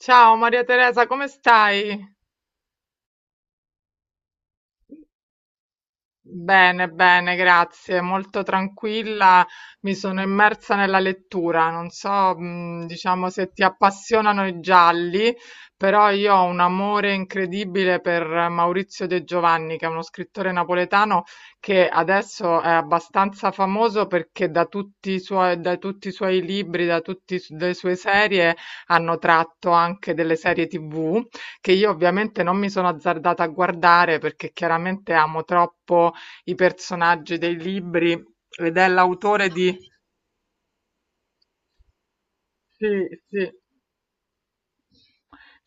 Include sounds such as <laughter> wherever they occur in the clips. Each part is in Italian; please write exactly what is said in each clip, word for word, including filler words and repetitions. Ciao Maria Teresa, come stai? Bene, bene, grazie. Molto tranquilla, mi sono immersa nella lettura. Non so, mh, diciamo, se ti appassionano i gialli, però io ho un amore incredibile per Maurizio De Giovanni, che è uno scrittore napoletano che adesso è abbastanza famoso perché da tutti i suoi, da tutti i suoi libri, da tutte le sue serie hanno tratto anche delle serie tivù che io ovviamente non mi sono azzardata a guardare perché chiaramente amo troppo i personaggi dei libri ed è l'autore di sì, sì.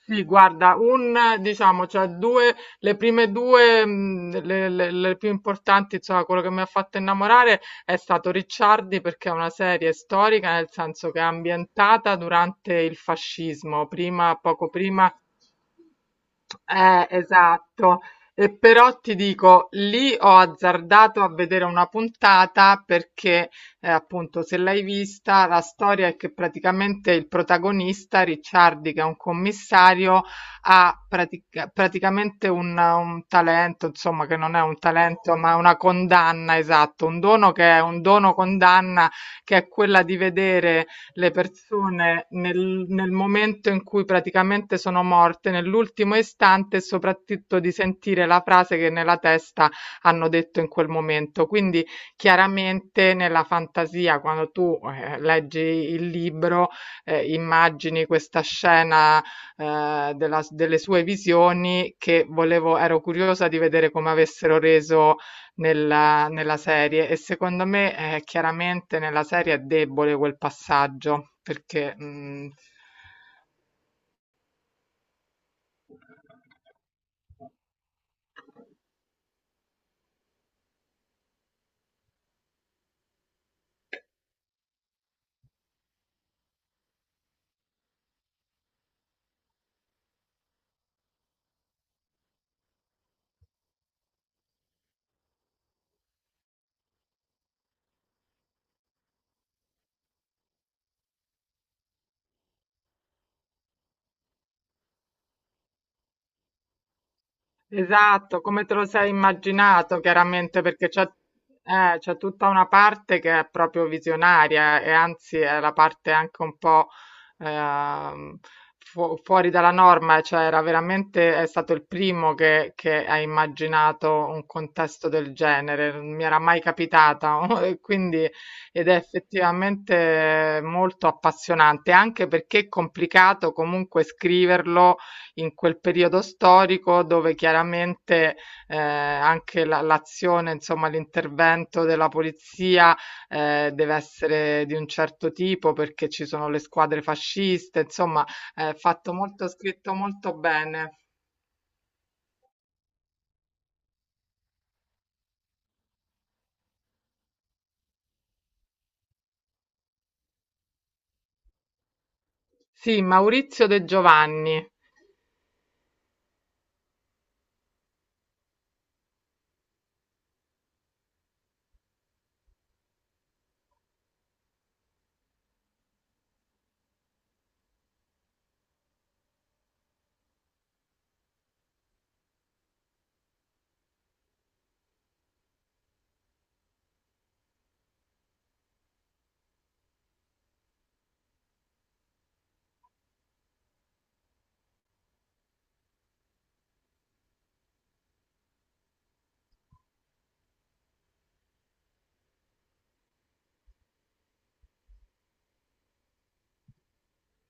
Sì, guarda, un diciamo, cioè due, le prime due, mh, le, le- le più importanti, insomma, quello che mi ha fatto innamorare è stato Ricciardi, perché è una serie storica, nel senso che è ambientata durante il fascismo, prima, poco prima. Eh, esatto. E però ti dico, lì ho azzardato a vedere una puntata perché, eh, appunto, se l'hai vista, la storia è che praticamente il protagonista, Ricciardi, che è un commissario, ha pratica- praticamente un, un talento, insomma, che non è un talento, ma è una condanna, esatto, un dono che è un dono condanna, che è quella di vedere le persone nel, nel momento in cui praticamente sono morte, nell'ultimo istante, e soprattutto di sentire la frase che nella testa hanno detto in quel momento. Quindi chiaramente nella fantasia, quando tu eh, leggi il libro, eh, immagini questa scena eh, della- delle sue visioni, che volevo, ero curiosa di vedere come avessero reso nella nella serie. E secondo me, ehm, chiaramente nella serie è debole quel passaggio perché, mhmm. Esatto, come te lo sei immaginato, chiaramente, perché c'è eh, c'è tutta una parte che è proprio visionaria, e anzi è la parte anche un po' ehm, fu- fuori dalla norma. Cioè era veramente, è stato il primo che, che ha immaginato un contesto del genere, non mi era mai capitata, <laughs> e quindi ed è effettivamente molto appassionante, anche perché è complicato comunque scriverlo in quel periodo storico, dove chiaramente eh, anche la- l'azione, insomma, l'intervento della polizia eh, deve essere di un certo tipo perché ci sono le squadre fasciste, insomma, è fatto molto, scritto molto bene. Sì, Maurizio De Giovanni,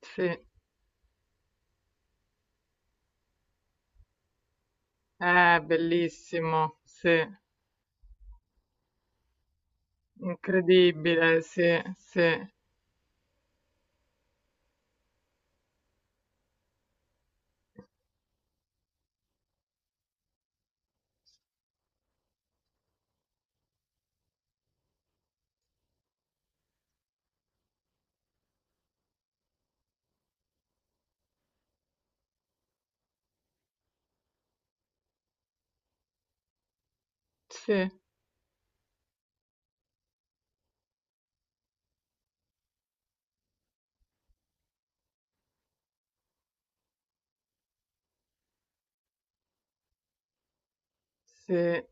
sì, è bellissimo, sì, incredibile, sì, sì, sì, sì.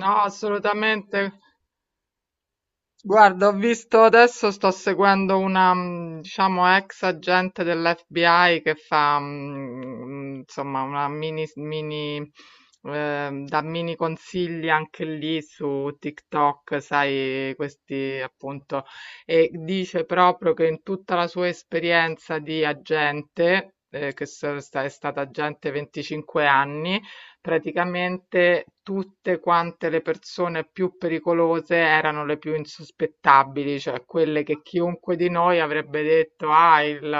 No, assolutamente. Guarda, ho visto adesso, sto seguendo una, mh, diciamo, ex agente dell'F B I, che fa, mh, insomma, una mini, mini, eh, dà mini consigli anche lì su TikTok, sai, questi, appunto, e dice proprio che in tutta la sua esperienza di agente, eh, che so- sta- è stata agente venticinque anni, praticamente tutte quante le persone più pericolose erano le più insospettabili, cioè quelle che chiunque di noi avrebbe detto, ah, il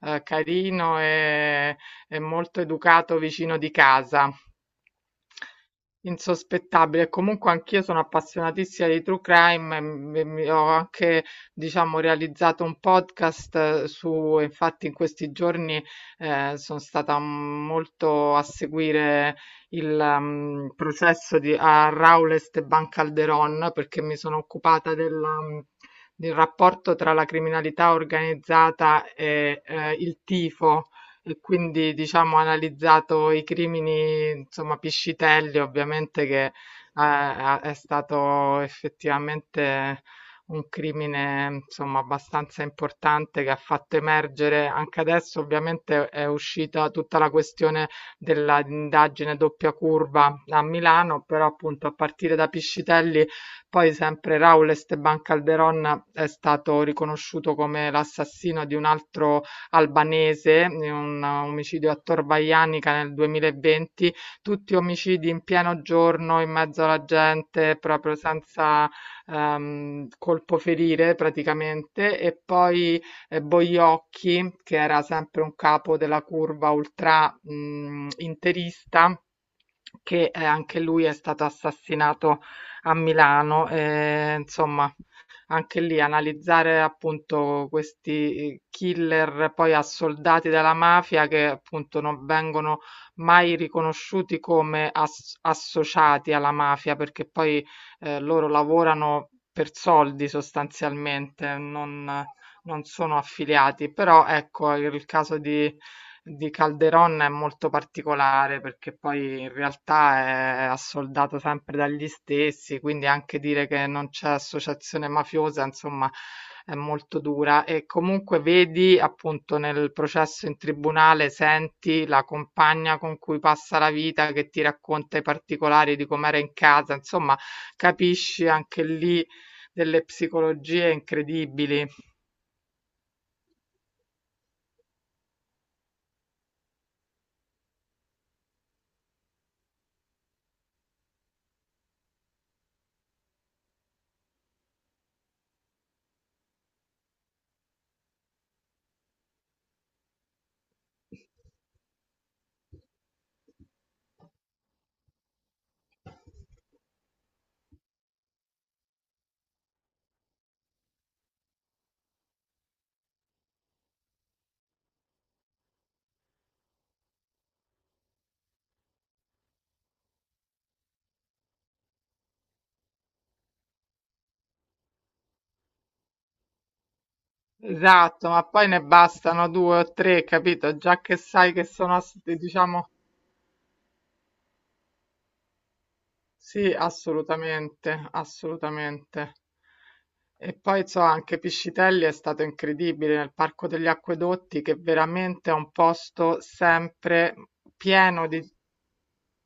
eh, carino e, e molto educato vicino di casa. Insospettabile. E comunque anch'io sono appassionatissima di true crime, e mi- mi- ho anche, diciamo, realizzato un podcast eh, su, infatti in questi giorni eh, sono stata molto a seguire il ehm, processo di, a Raul Esteban Calderón, perché mi sono occupata della, mh, del rapporto tra la criminalità organizzata e eh, il tifo, e quindi diciamo ho analizzato i crimini, insomma, Piscitelli, ovviamente, che eh, ha- è stato effettivamente un crimine, insomma, abbastanza importante, che ha fatto emergere, anche adesso ovviamente è uscita tutta la questione dell'indagine doppia curva a Milano, però appunto a partire da Piscitelli, poi sempre Raul Esteban Calderon è stato riconosciuto come l'assassino di un altro albanese, in un omicidio a Torvaianica nel duemilaventi. Tutti omicidi in pieno giorno, in mezzo alla gente, proprio senza ehm, colpo ferire praticamente. E poi eh, Boiocchi, che era sempre un capo della curva ultra mh, interista, che eh, anche lui è stato assassinato a Milano. Eh, insomma, anche lì analizzare appunto questi eh, killer poi assoldati dalla mafia, che appunto non vengono mai riconosciuti come ass- associati alla mafia, perché poi eh, loro lavorano per soldi sostanzialmente, non, non sono affiliati. Però ecco, il caso di di Calderon è molto particolare perché poi in realtà è assoldato sempre dagli stessi, quindi anche dire che non c'è associazione mafiosa, insomma, è molto dura. E comunque vedi, appunto, nel processo in tribunale, senti la compagna con cui passa la vita che ti racconta i particolari di com'era in casa, insomma, capisci anche lì delle psicologie incredibili. Esatto, ma poi ne bastano due o tre, capito? Già che sai che sono, ass- diciamo, sì, assolutamente, assolutamente. E poi so anche Piscitelli è stato incredibile nel Parco degli Acquedotti, che veramente è un posto sempre pieno di,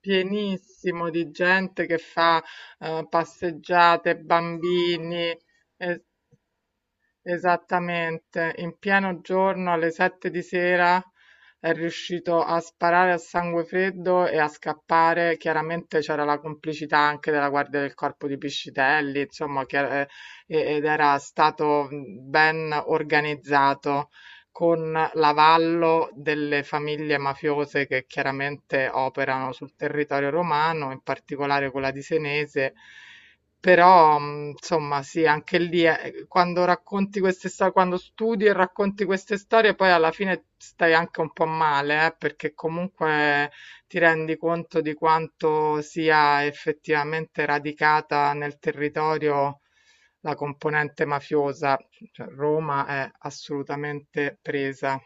pienissimo di gente che fa eh, passeggiate, bambini. eh, Esattamente, in pieno giorno alle sette di sera è riuscito a sparare a sangue freddo e a scappare. Chiaramente c'era la complicità anche della guardia del corpo di Piscitelli, insomma, chiar- eh, ed era stato mh, ben organizzato con l'avallo delle famiglie mafiose che chiaramente operano sul territorio romano, in particolare quella di Senese. Però, mhmm, insomma, sì, anche lì è quando racconti queste sto quando studi e racconti queste storie, poi alla fine stai anche un po' male, eh, perché comunque ti rendi conto di quanto sia effettivamente radicata nel territorio la componente mafiosa. Cioè, Roma è assolutamente presa.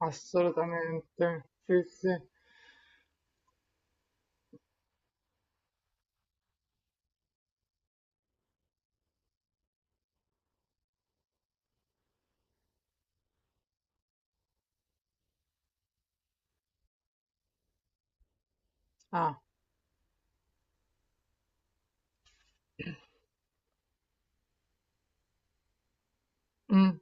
Assolutamente. Sì, sì. Ah. Mh,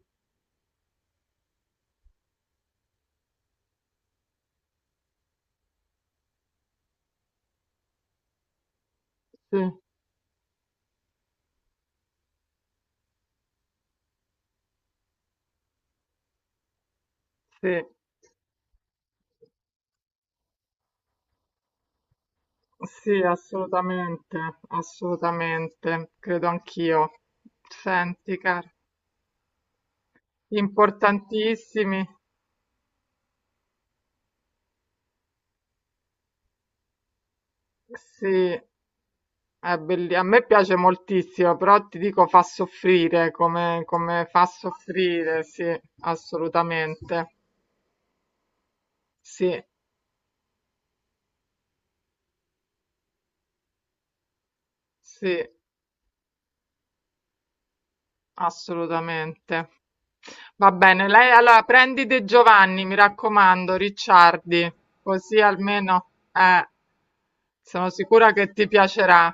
sì, sì. Sì, assolutamente, assolutamente, credo anch'io. Senti, cara, importantissimi. Sì, è belli- a me piace moltissimo, però ti dico, fa soffrire, come, come fa soffrire, sì, assolutamente. Sì, sì, assolutamente. Va bene, lei allora prendi De Giovanni, mi raccomando, Ricciardi, così almeno eh, sono sicura che ti piacerà.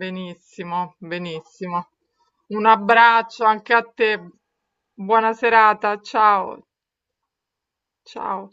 Benissimo, benissimo. Un abbraccio anche a te. Buona serata. Ciao, ciao.